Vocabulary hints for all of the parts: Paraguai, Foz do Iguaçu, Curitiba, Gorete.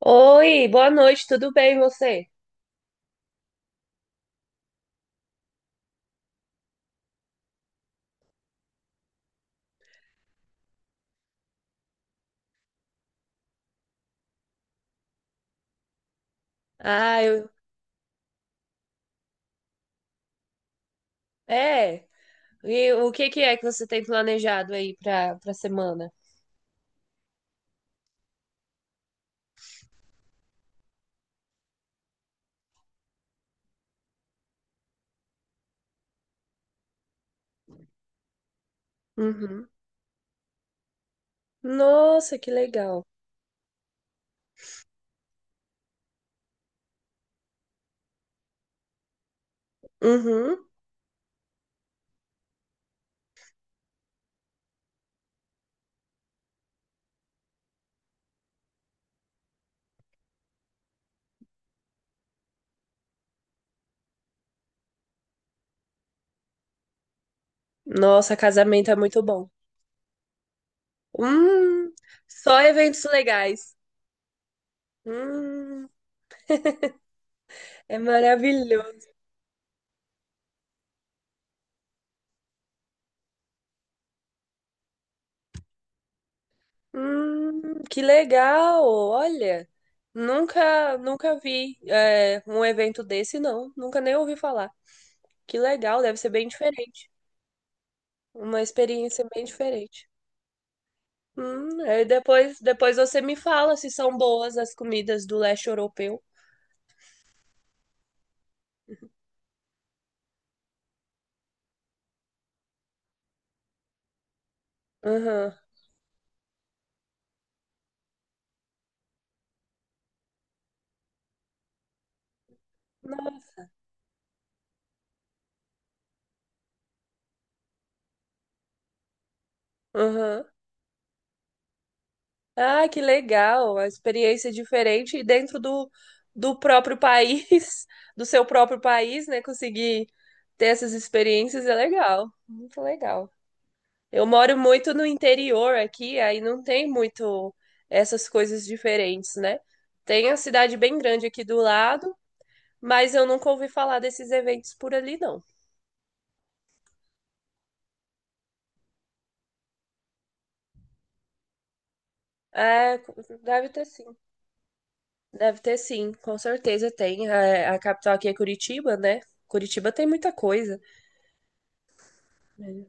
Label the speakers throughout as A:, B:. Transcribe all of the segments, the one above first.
A: Oi, boa noite, tudo bem você? Ah, eu. É. E o que é que você tem planejado aí pra semana? Uhum. Nossa, que legal. Uhum. Nossa, casamento é muito bom. Hum, só eventos legais. Hum, é maravilhoso. Que legal. Olha, nunca vi um evento desse, não. Nunca nem ouvi falar. Que legal, deve ser bem diferente. Uma experiência bem diferente. Aí depois você me fala se são boas as comidas do leste europeu. Aham. Não, aham. Ah, que legal! Uma experiência diferente e dentro do próprio país, do seu próprio país, né? Conseguir ter essas experiências é legal. Muito legal. Eu moro muito no interior aqui, aí não tem muito essas coisas diferentes, né? Tem a cidade bem grande aqui do lado, mas eu nunca ouvi falar desses eventos por ali, não. É, deve ter sim. Deve ter sim, com certeza tem. Capital aqui é Curitiba, né? Curitiba tem muita coisa. É.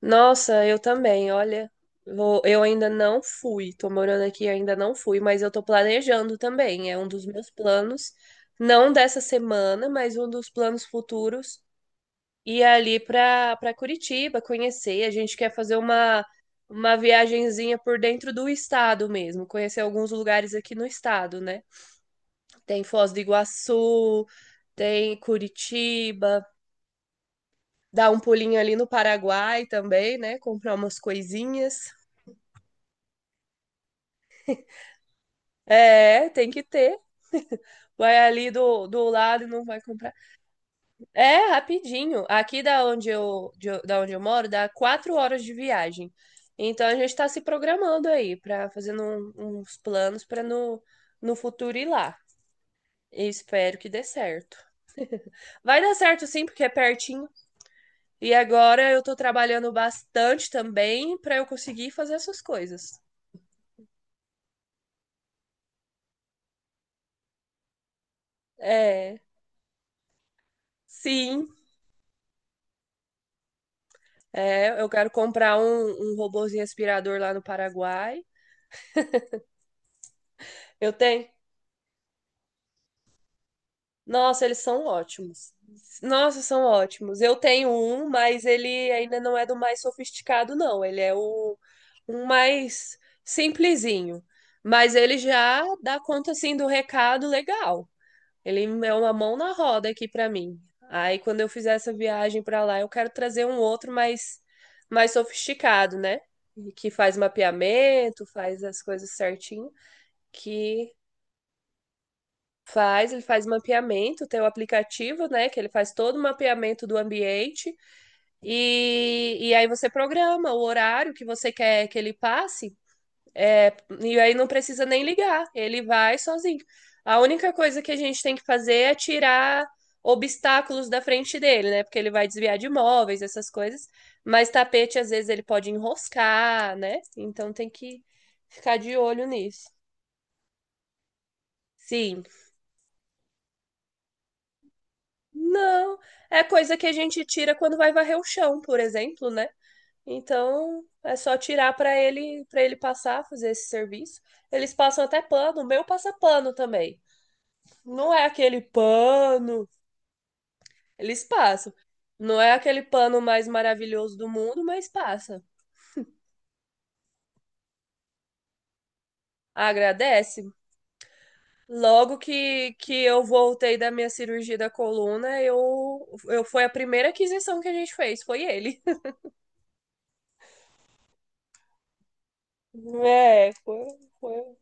A: Nossa, eu também, olha. Eu ainda não fui, tô morando aqui, e ainda não fui, mas eu tô planejando também. É um dos meus planos, não dessa semana, mas um dos planos futuros, ir ali pra Curitiba, conhecer. A gente quer fazer uma viagenzinha por dentro do estado mesmo, conhecer alguns lugares aqui no estado, né? Tem Foz do Iguaçu, tem Curitiba, dá um pulinho ali no Paraguai também, né? Comprar umas coisinhas. É, tem que ter. Vai ali do lado e não vai comprar. É, rapidinho. Aqui da onde eu, da onde eu moro, dá 4 horas de viagem. Então a gente tá se programando aí pra fazendo uns planos pra no, no futuro ir lá. E espero que dê certo. Vai dar certo sim, porque é pertinho. E agora eu tô trabalhando bastante também para eu conseguir fazer essas coisas. É, sim, é, eu quero comprar um robozinho aspirador lá no Paraguai. Eu tenho. Nossa, eles são ótimos. Nossa, são ótimos. Eu tenho um, mas ele ainda não é do mais sofisticado, não. Ele é o um mais simplesinho. Mas ele já dá conta assim do recado legal. Ele é uma mão na roda aqui para mim. Aí quando eu fizer essa viagem para lá, eu quero trazer um outro mais sofisticado, né? Que faz mapeamento, faz as coisas certinho, que ele faz mapeamento, tem o aplicativo, né, que ele faz todo o mapeamento do ambiente e aí você programa o horário que você quer que ele passe, e aí não precisa nem ligar, ele vai sozinho. A única coisa que a gente tem que fazer é tirar obstáculos da frente dele, né? Porque ele vai desviar de móveis, essas coisas. Mas tapete, às vezes, ele pode enroscar, né? Então tem que ficar de olho nisso. Sim. Não. É coisa que a gente tira quando vai varrer o chão, por exemplo, né? Então é só tirar para ele passar, fazer esse serviço. Eles passam até pano, o meu passa pano também. Não é aquele pano, eles passam. Não é aquele pano mais maravilhoso do mundo, mas passa. Agradece. Logo que eu voltei da minha cirurgia da coluna, eu foi a primeira aquisição que a gente fez, foi ele. É, foi, foi.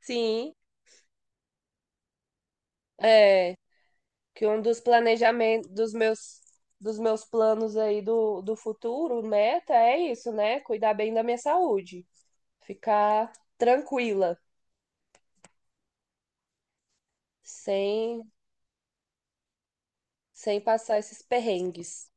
A: Sim, é que um dos planejamentos dos meus planos aí do futuro, meta é isso, né? Cuidar bem da minha saúde, ficar tranquila, sem sem passar esses perrengues.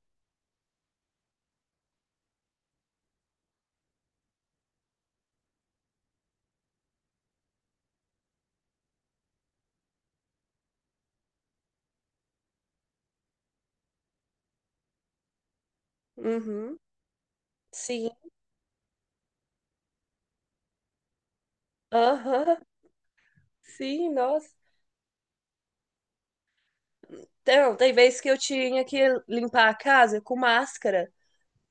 A: Uhum, sim, aham, sim, nossa. Então, tem vezes que eu tinha que limpar a casa com máscara,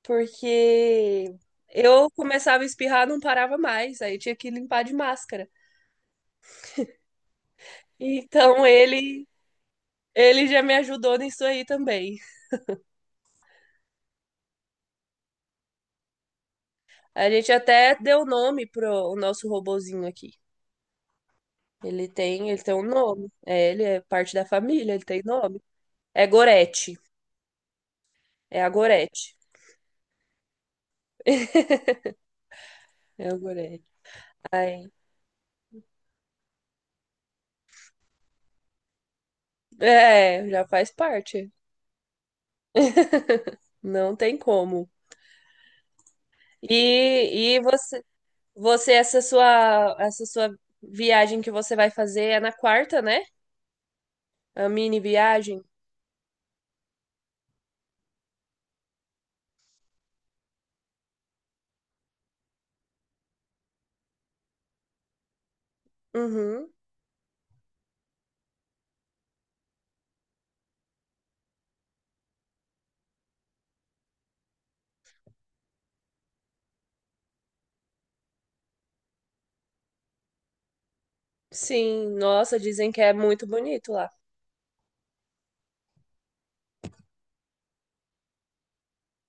A: porque eu começava a espirrar, não parava mais, aí eu tinha que limpar de máscara. Então, ele, ele já me ajudou nisso aí também. A gente até deu nome pro o nosso robozinho aqui. Ele tem um nome. É, ele é parte da família, ele tem nome. É Gorete. É a Gorete. É o Gorete. Aí. É, já faz parte. Não tem como. Você, essa sua, viagem que você vai fazer é na quarta, né? A mini viagem? Uhum. Sim, nossa, dizem que é muito bonito lá.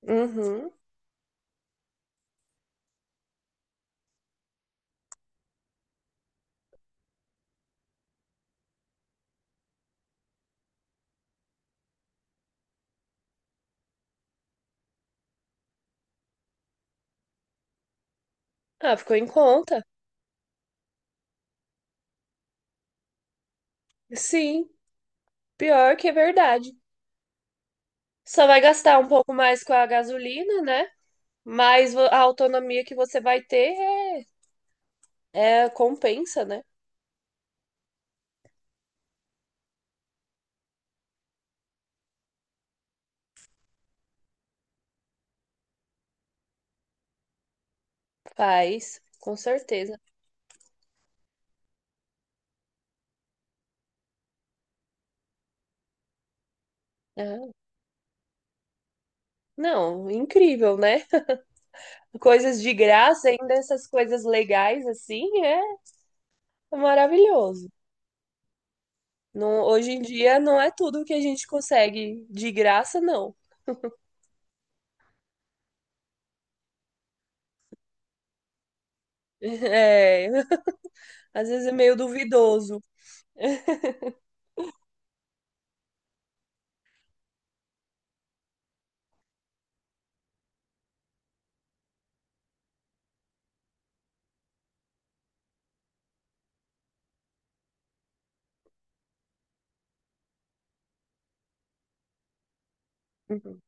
A: Uhum. Ah, ficou em conta. Sim, pior que é verdade. Só vai gastar um pouco mais com a gasolina, né? Mas a autonomia que você vai ter compensa, né? Faz, com certeza. Não, incrível, né? Coisas de graça, ainda essas coisas legais assim, é maravilhoso. Não, hoje em dia não é tudo que a gente consegue de graça, não. É, às vezes é meio duvidoso. Uhum.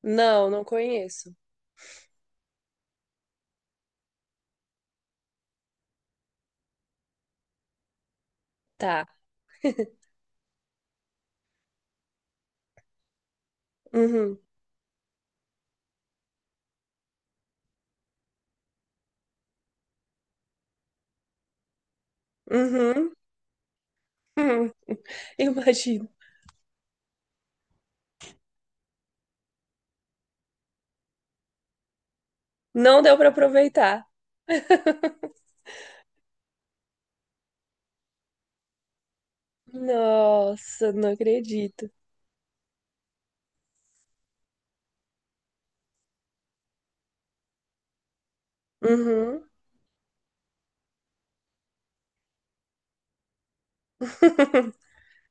A: Não, não conheço. Tá. Uhum. Uhum. Uhum. Imagino. Não deu pra aproveitar. Nossa, não acredito. Uhum.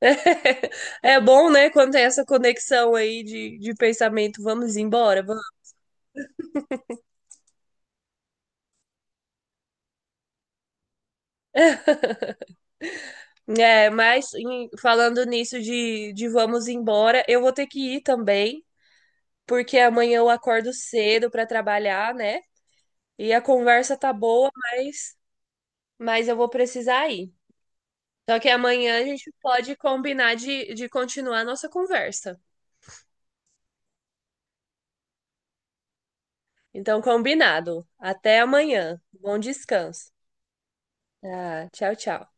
A: É é bom, né, quando tem essa conexão aí de pensamento, vamos embora, vamos. É, mas falando nisso de vamos embora, eu vou ter que ir também, porque amanhã eu acordo cedo para trabalhar, né? E a conversa tá boa, mas eu vou precisar ir. Só que amanhã a gente pode combinar de continuar a nossa conversa. Então, combinado. Até amanhã. Bom descanso. Ah, tchau, tchau.